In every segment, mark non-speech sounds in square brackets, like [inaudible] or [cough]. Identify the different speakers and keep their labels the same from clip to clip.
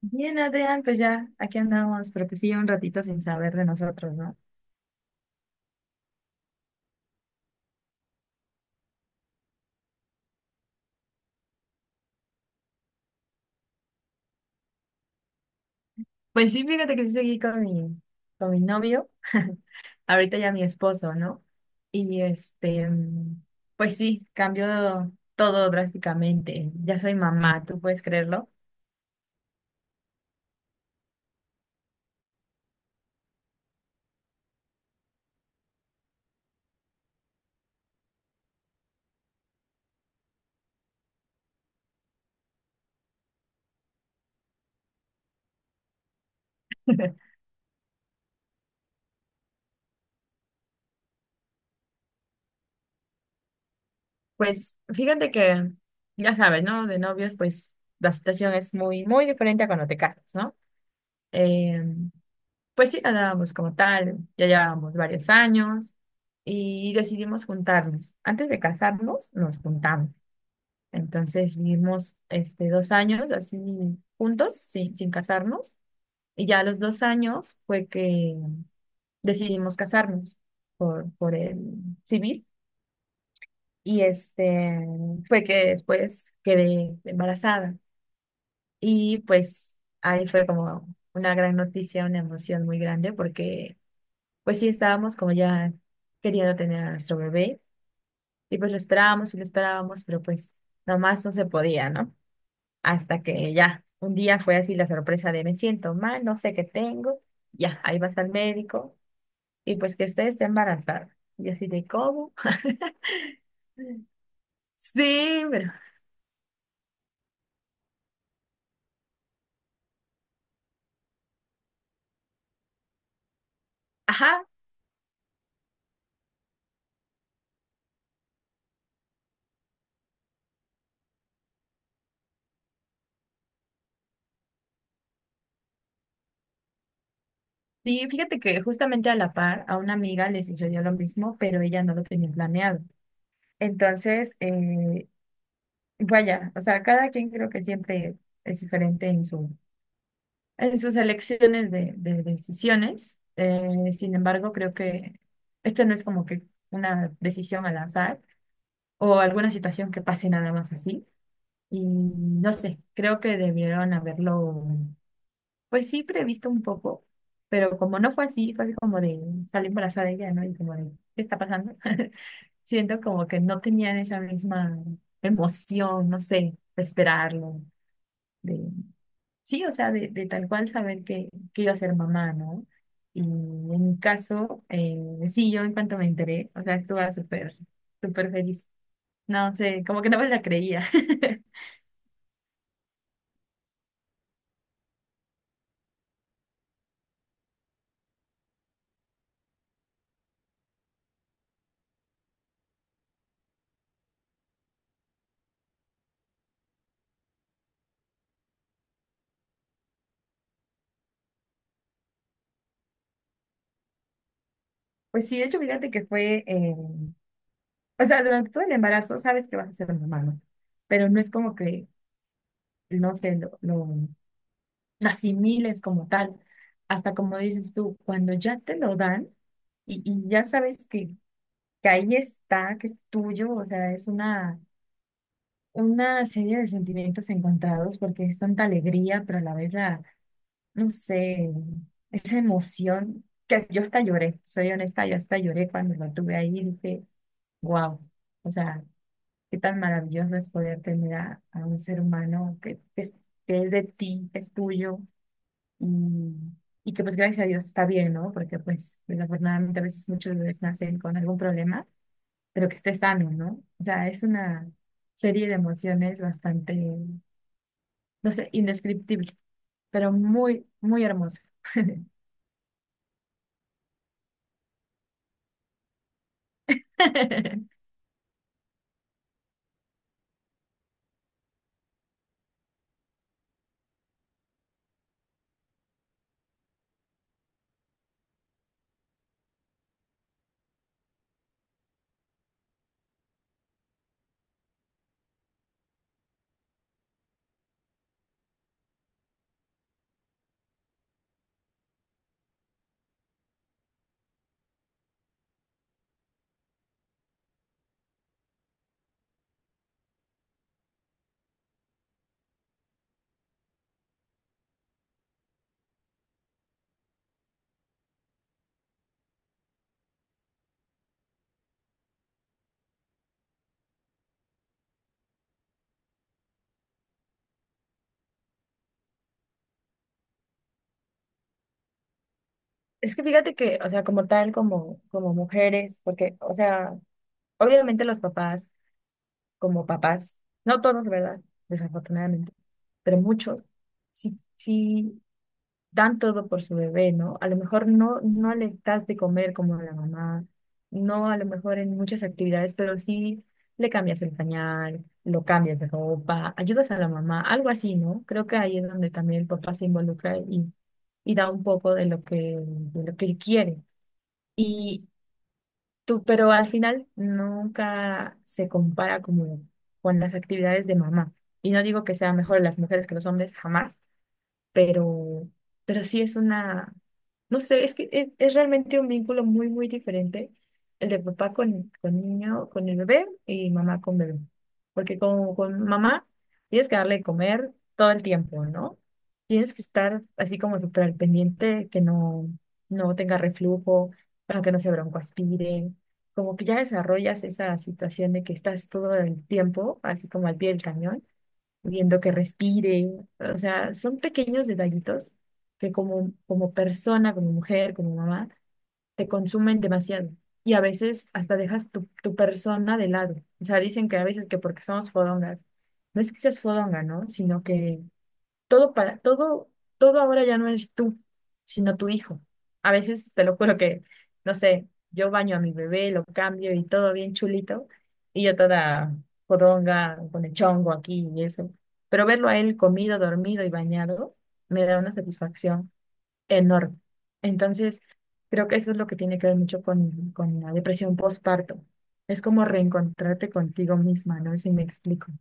Speaker 1: Bien, Adrián, pues ya aquí andamos, pero pues sí, un ratito sin saber de nosotros, ¿no? Pues sí, fíjate que sí seguí con mi novio, ahorita ya mi esposo, ¿no? Y este, pues sí, cambió todo drásticamente. Ya soy mamá, ¿tú puedes creerlo? [laughs] Pues fíjate que, ya sabes, ¿no? De novios, pues la situación es muy, muy diferente a cuando te casas, ¿no? Em, Pues sí, andábamos como tal, ya llevábamos varios años y decidimos juntarnos. Antes de casarnos, nos juntamos. Entonces vivimos este, dos años así juntos, sin casarnos. Y ya a los dos años fue que decidimos casarnos por el civil. Y este fue que después quedé embarazada. Y pues ahí fue como una gran noticia, una emoción muy grande porque pues sí, estábamos como ya queriendo tener a nuestro bebé y pues lo esperábamos y lo esperábamos, pero pues nomás no se podía, ¿no? Hasta que ya, un día fue así la sorpresa de me siento mal, no sé qué tengo, ya, ahí vas al médico y pues que usted esté embarazada. Y yo así de cómo. [laughs] Sí, pero, ajá, sí, fíjate que justamente a la par a una amiga le sucedió lo mismo, pero ella no lo tenía planeado. Entonces, vaya, o sea, cada quien creo que siempre es diferente en su, en sus elecciones de decisiones. Sin embargo, creo que este no es como que una decisión al azar o alguna situación que pase nada más así. Y no sé, creo que debieron haberlo, pues sí, previsto un poco, pero como no fue así, fue como de salir embarazada ella, ¿no? Y como de, ¿qué está pasando? [laughs] Siento como que no tenían esa misma emoción, no sé, de esperarlo. Sí, o sea, de tal cual saber que iba a ser mamá, ¿no? Y en mi caso, sí, yo en cuanto me enteré, o sea, estuve súper, súper feliz. No sé, como que no me la creía. [laughs] Pues sí, de hecho, fíjate que fue, o sea, durante todo el embarazo sabes que vas a ser mamá, ¿no? Pero no es como que, no sé, lo asimiles como tal, hasta como dices tú, cuando ya te lo dan y ya sabes que ahí está, que es tuyo, o sea, es una serie de sentimientos encontrados porque es tanta alegría, pero a la vez la, no sé, esa emoción que yo hasta lloré, soy honesta, yo hasta lloré cuando lo tuve ahí y dije, wow, o sea, qué tan maravilloso es poder tener a un ser humano que es de ti, que es tuyo y, y que pues gracias a Dios está bien, ¿no? Porque pues desafortunadamente a veces muchos bebés nacen con algún problema, pero que esté sano, ¿no? O sea, es una serie de emociones bastante, no sé, indescriptible, pero muy, muy hermoso. [laughs] Es que fíjate que, o sea, como tal, como, como mujeres, porque, o sea, obviamente los papás, como papás, no todos, ¿verdad? Desafortunadamente, pero muchos, sí, sí dan todo por su bebé, ¿no? A lo mejor no, no le das de comer como la mamá, no a lo mejor en muchas actividades, pero sí le cambias el pañal, lo cambias de ropa, ayudas a la mamá, algo así, ¿no? Creo que ahí es donde también el papá se involucra y da un poco de lo que él quiere. Y tú, pero al final nunca se compara como con las actividades de mamá. Y no digo que sean mejor las mujeres que los hombres, jamás, pero, pero sí es una, no sé, es que es realmente un vínculo muy, muy diferente el de papá con niño, con el bebé y mamá con bebé. Porque con mamá tienes que darle de comer todo el tiempo, ¿no? Tienes que estar así como súper al pendiente, que no, no tenga reflujo, para que no se broncoaspire. Como que ya desarrollas esa situación de que estás todo el tiempo, así como al pie del cañón viendo que respire. O sea, son pequeños detallitos que como, como persona, como mujer, como mamá, te consumen demasiado. Y a veces hasta dejas tu persona de lado. O sea, dicen que a veces que porque somos fodongas, no es que seas fodonga, ¿no? Sino que todo para, todo, todo ahora ya no es tú, sino tu hijo. A veces te lo juro que, no sé, yo baño a mi bebé, lo cambio y todo bien chulito, y yo toda poronga con el chongo aquí y eso. Pero verlo a él comido, dormido y bañado me da una satisfacción enorme. Entonces, creo que eso es lo que tiene que ver mucho con la depresión postparto. Es como reencontrarte contigo misma, no sé si me explico.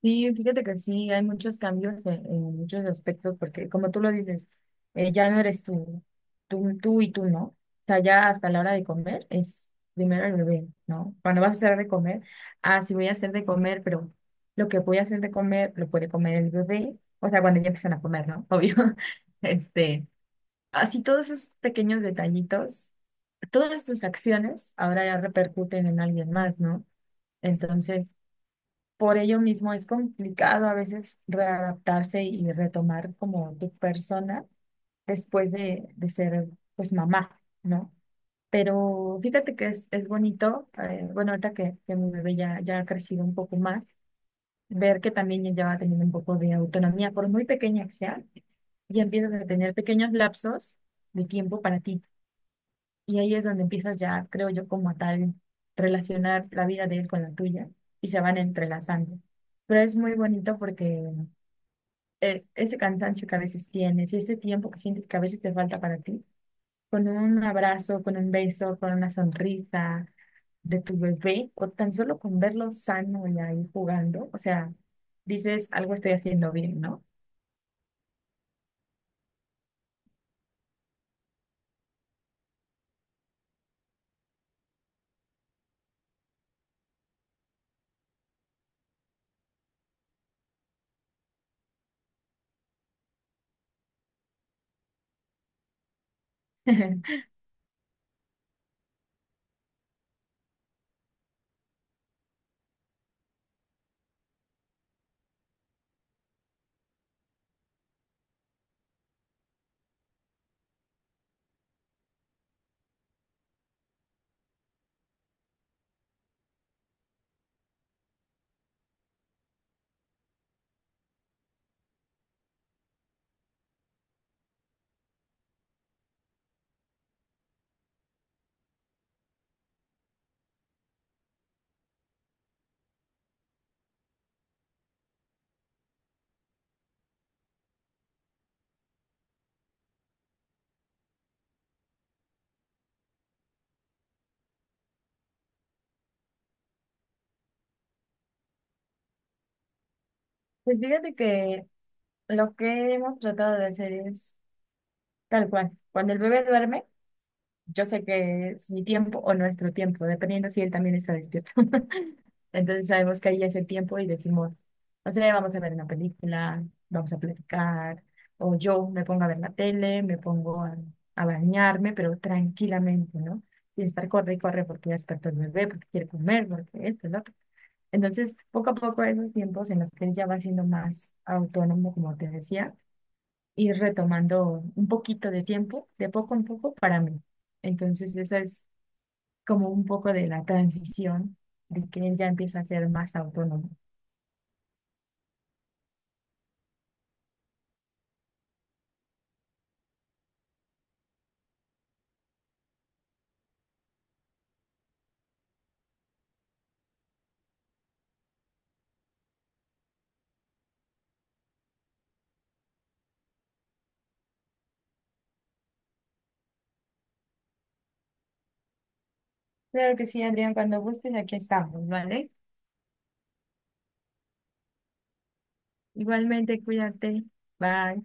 Speaker 1: Sí, fíjate que sí, hay muchos cambios en muchos aspectos, porque como tú lo dices, ya no eres tú, tú, tú y tú, ¿no? O sea, ya hasta la hora de comer es primero el bebé, ¿no? Cuando vas a hacer de comer, ah, sí voy a hacer de comer, pero lo que voy a hacer de comer lo puede comer el bebé, o sea, cuando ya empiezan a comer, ¿no? [laughs] Obvio. Este, así todos esos pequeños detallitos, todas tus acciones ahora ya repercuten en alguien más, ¿no? Entonces, por ello mismo es complicado a veces readaptarse y retomar como tu persona después de ser pues mamá, ¿no? Pero fíjate que es bonito, bueno, ahorita que mi bebé ya, ya ha crecido un poco más, ver que también ella va teniendo un poco de autonomía, por muy pequeña que sea, ya empiezas a tener pequeños lapsos de tiempo para ti y ahí es donde empiezas ya, creo yo, como a tal, relacionar la vida de él con la tuya y se van entrelazando. Pero es muy bonito porque ese cansancio que a veces tienes y ese tiempo que sientes que a veces te falta para ti, con un abrazo, con un beso, con una sonrisa de tu bebé o tan solo con verlo sano y ahí jugando, o sea, dices, algo estoy haciendo bien, ¿no? [laughs] Pues fíjate que lo que hemos tratado de hacer es tal cual. Cuando el bebé duerme, yo sé que es mi tiempo o nuestro tiempo, dependiendo si él también está despierto. [laughs] Entonces sabemos que ahí es el tiempo y decimos, no sé, vamos a ver una película, vamos a platicar, o yo me pongo a ver la tele, me pongo a bañarme, pero tranquilamente, ¿no? Sin estar corre y corre porque ya despertó el bebé, porque quiere comer, porque esto, ¿no? Entonces, poco a poco esos tiempos en los que él ya va siendo más autónomo, como te decía, ir retomando un poquito de tiempo, de poco en poco, para mí. Entonces, esa es como un poco de la transición de que él ya empieza a ser más autónomo. Claro que sí, Adrián, cuando gustes, aquí estamos, ¿vale? Igualmente, cuídate. Bye.